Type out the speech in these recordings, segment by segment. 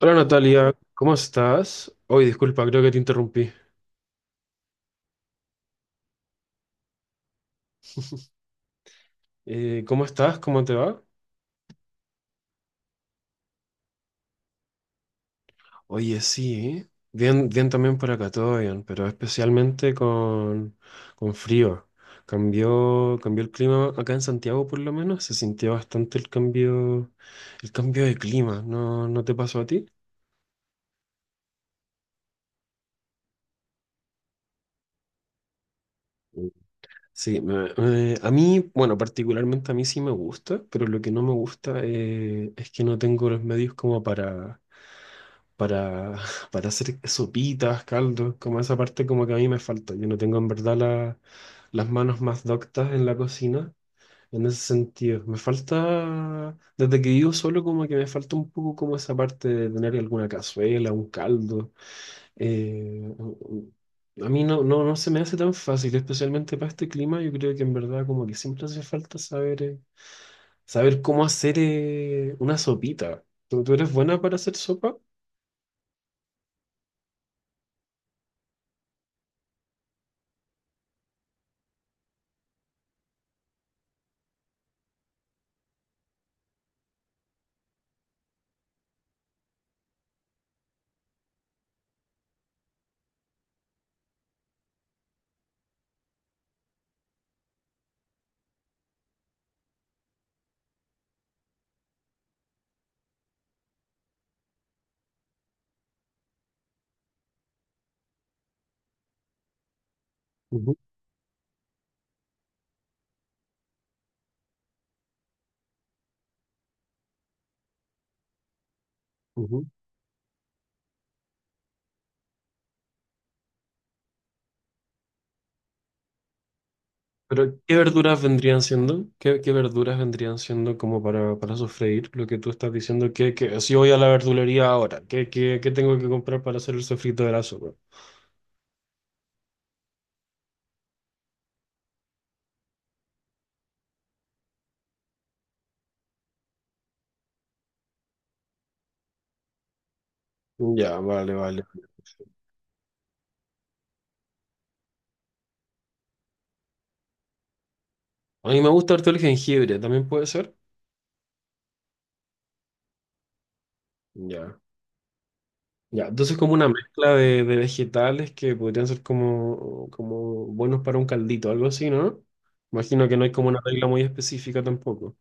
Hola Natalia, ¿cómo estás? Hoy, disculpa, creo que te interrumpí. ¿Cómo estás? ¿Cómo te va? Oye, sí, bien, bien también por acá, todo bien, pero especialmente con frío. Cambió el clima acá en Santiago, por lo menos, se sintió bastante el cambio de clima. No te pasó a ti? Sí, a mí, bueno, particularmente a mí sí me gusta, pero lo que no me gusta es que no tengo los medios como para, para hacer sopitas, caldos, como esa parte como que a mí me falta. Yo no tengo en verdad las manos más doctas en la cocina, en ese sentido. Me falta, desde que vivo solo, como que me falta un poco como esa parte de tener alguna cazuela, un caldo. Eh, a mí no se me hace tan fácil, especialmente para este clima. Yo creo que en verdad como que siempre hace falta saber, saber cómo hacer una sopita. ¿Tú eres buena para hacer sopa? Ujú, ujú. Pero, ¿qué verduras vendrían siendo? ¿Qué verduras vendrían siendo como para sofreír? Lo que tú estás diciendo, que si voy a la verdulería ahora, qué tengo que comprar para hacer el sofrito de la sopa? Ya, vale, vale. A mí me gusta harto el jengibre, ¿también puede ser? Ya. Ya, entonces como una mezcla de vegetales que podrían ser como, como buenos para un caldito, algo así, ¿no? Imagino que no hay como una regla muy específica tampoco.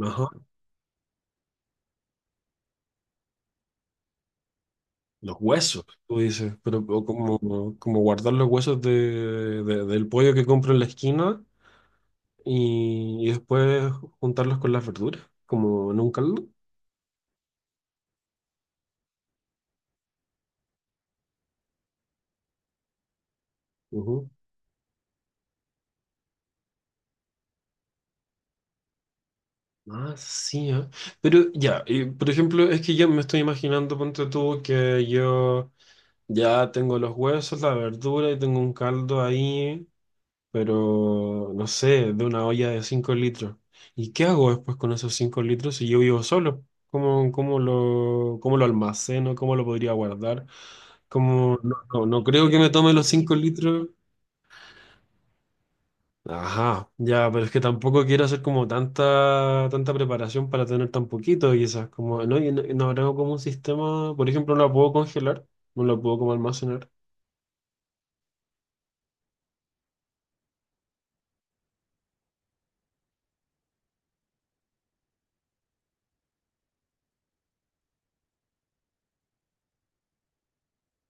Ajá. Los huesos, tú dices, pero o como, como guardar los huesos del pollo que compro en la esquina y después juntarlos con las verduras, como en un caldo. Ujú. Ah, sí, ah. Pero ya, y, por ejemplo, es que yo me estoy imaginando, ponte tú, que yo ya tengo los huesos, la verdura y tengo un caldo ahí, pero no sé, de una olla de 5 litros. ¿Y qué hago después con esos 5 litros si yo vivo solo? Cómo lo almaceno? ¿Cómo lo podría guardar? ¿Cómo, no, no, no creo que me tome los 5 litros. Ajá, ya, pero es que tampoco quiero hacer como tanta preparación para tener tan poquito y esas, como, ¿no? Y y no habrá como un sistema, por ejemplo, no la puedo congelar, no la puedo como almacenar.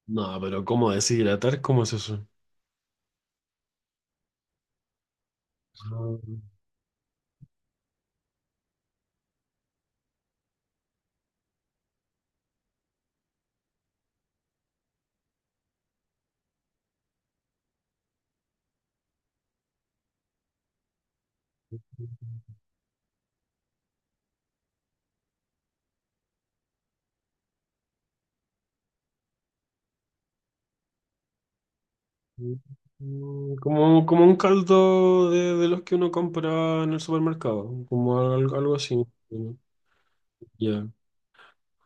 No, pero ¿cómo deshidratar? ¿Cómo es eso? Mm, como, como un caldo de los que uno compra en el supermercado, como algo, así. ¿No? Ya.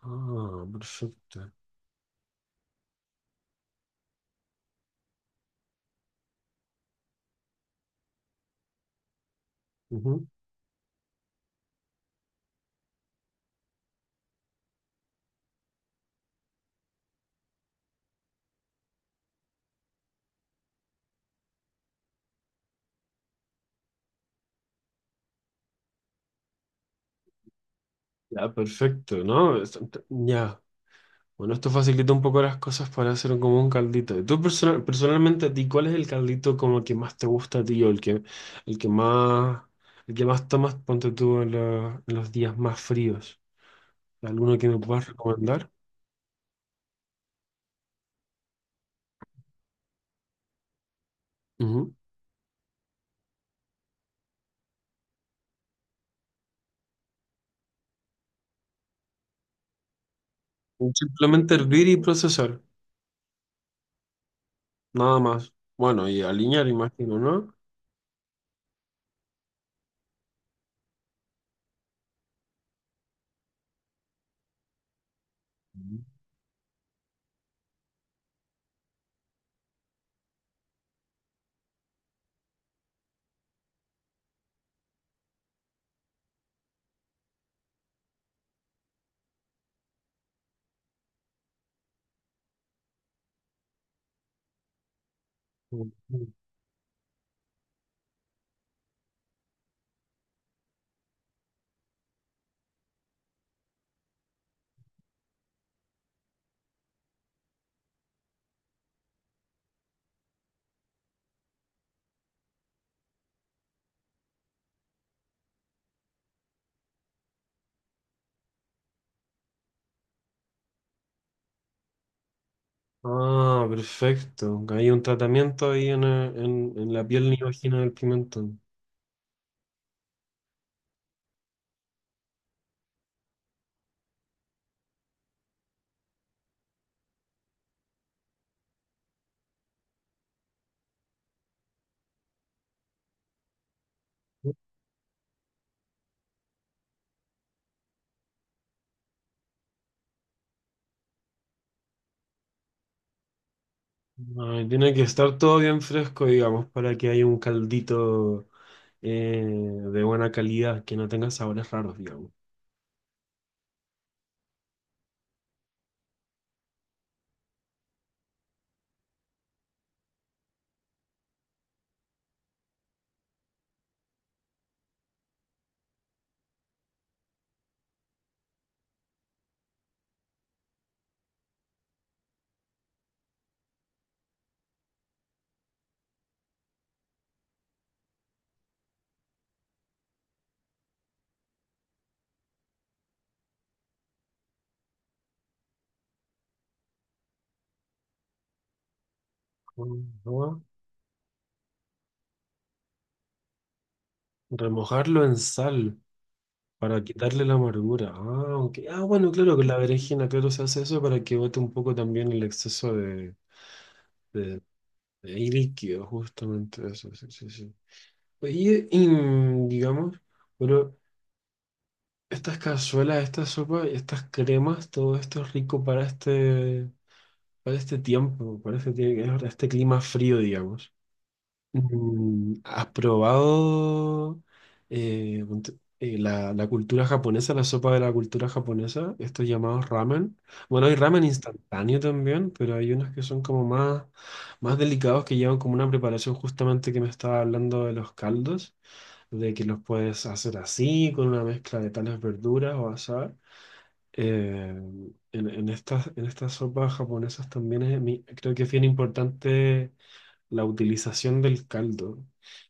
Ah, perfecto. Ujú. Ya, perfecto, ¿no? Ya. Bueno, esto facilita un poco las cosas para hacer como un caldito. ¿Y tú personalmente a ti, cuál es el caldito como que más te gusta a ti o el que más, el que más tomas, ponte tú en, en los días más fríos? ¿Alguno que me puedas recomendar? Ujú. Simplemente hervir y procesar. Nada más. Bueno, y alinear, imagino, ¿no? Ujú. Ah, perfecto. Hay un tratamiento ahí en la piel niógena del pimentón. Ay, tiene que estar todo bien fresco, digamos, para que haya un caldito eh, de buena calidad, que no tenga sabores raros, digamos. Con agua. Remojarlo en sal para quitarle la amargura. Ah, ok. Ah, bueno, claro, con la berenjena, claro, se hace eso para que bote un poco también el exceso de y líquido, justamente eso, sí, sí, sí. Digamos, bueno, estas cazuelas, estas sopas, estas cremas, todo esto es rico para este tiempo, para este, este clima frío, digamos. Mm, ¿has probado eh, ponte- la cultura japonesa, la sopa de la cultura japonesa, estos llamados ramen? Bueno, hay ramen instantáneo también, pero hay unos que son como más, más delicados que llevan como una preparación justamente que me estaba hablando de los caldos, de que los puedes hacer así, con una mezcla de tales verduras o asar. Eh, en estas sopas japonesas también es, creo que es bien importante la utilización del caldo.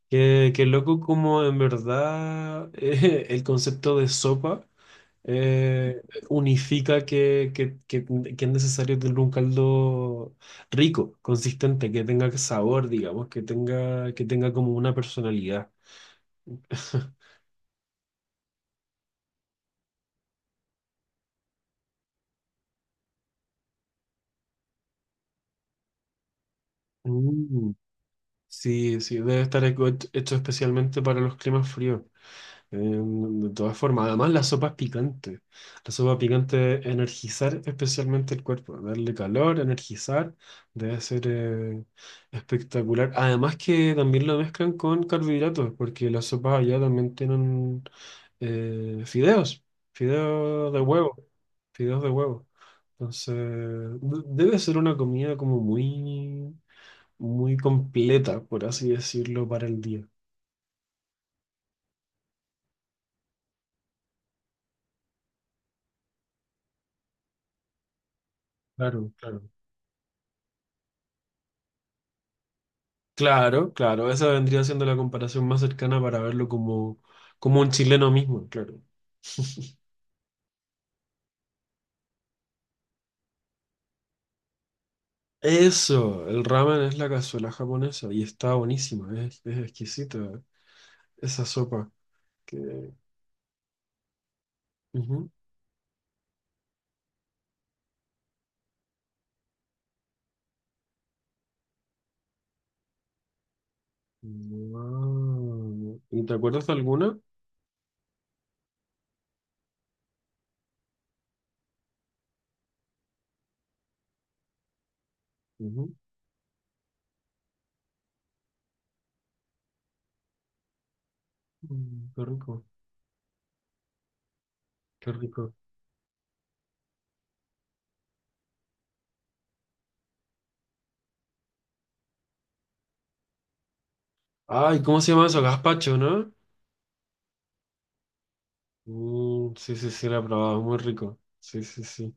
Qué loco como en verdad el concepto de sopa eh, unifica que es necesario tener un caldo rico, consistente, que tenga sabor, digamos, que tenga como una personalidad. Mm, sí, sí, debe estar hecho hecho especialmente para los climas fríos. De todas formas, además la sopa es picante. La sopa picante es energizar especialmente el cuerpo, darle calor, energizar, debe ser espectacular. Además que también lo mezclan con carbohidratos, porque las sopas allá también tienen eh, fideos, fideos de huevo, fideos de huevo. Entonces, debe ser una comida como muy, muy completa, por así decirlo, para el día. Claro, claro. Claro, claro, esa vendría siendo la comparación más cercana para verlo como, como un chileno mismo, claro. Eso, el ramen es la cazuela japonesa y está buenísima, es exquisita esa sopa. Que... Ujú. Guau. ¿Y te acuerdas de alguna? Ujú. Mm, qué rico, qué rico. Ay, ¿cómo se llama eso? Gazpacho, ¿no? Mm, sí, sí, sí, la he probado, muy rico. Sí, sí, sí.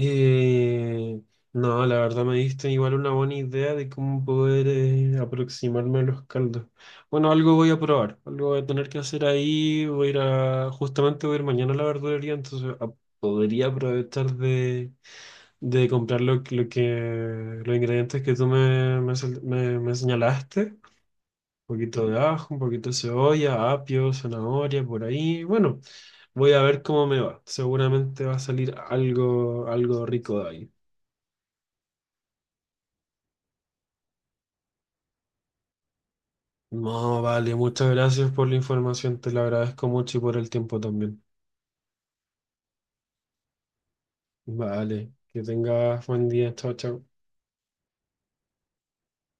Eh, no, la verdad me diste igual una buena idea de cómo poder aproximarme a los caldos. Bueno, algo voy a probar, algo voy a tener que hacer ahí. Voy a ir a, justamente voy a ir mañana a la verdulería, entonces podría aprovechar de comprar los ingredientes que tú me señalaste. Un poquito de ajo, un poquito de cebolla, apio, zanahoria, por ahí. Bueno, voy a ver cómo me va. Seguramente va a salir algo, algo rico de ahí. No, vale, muchas gracias por la información, te la agradezco mucho y por el tiempo también. Vale, que tengas buen día, chao, chao.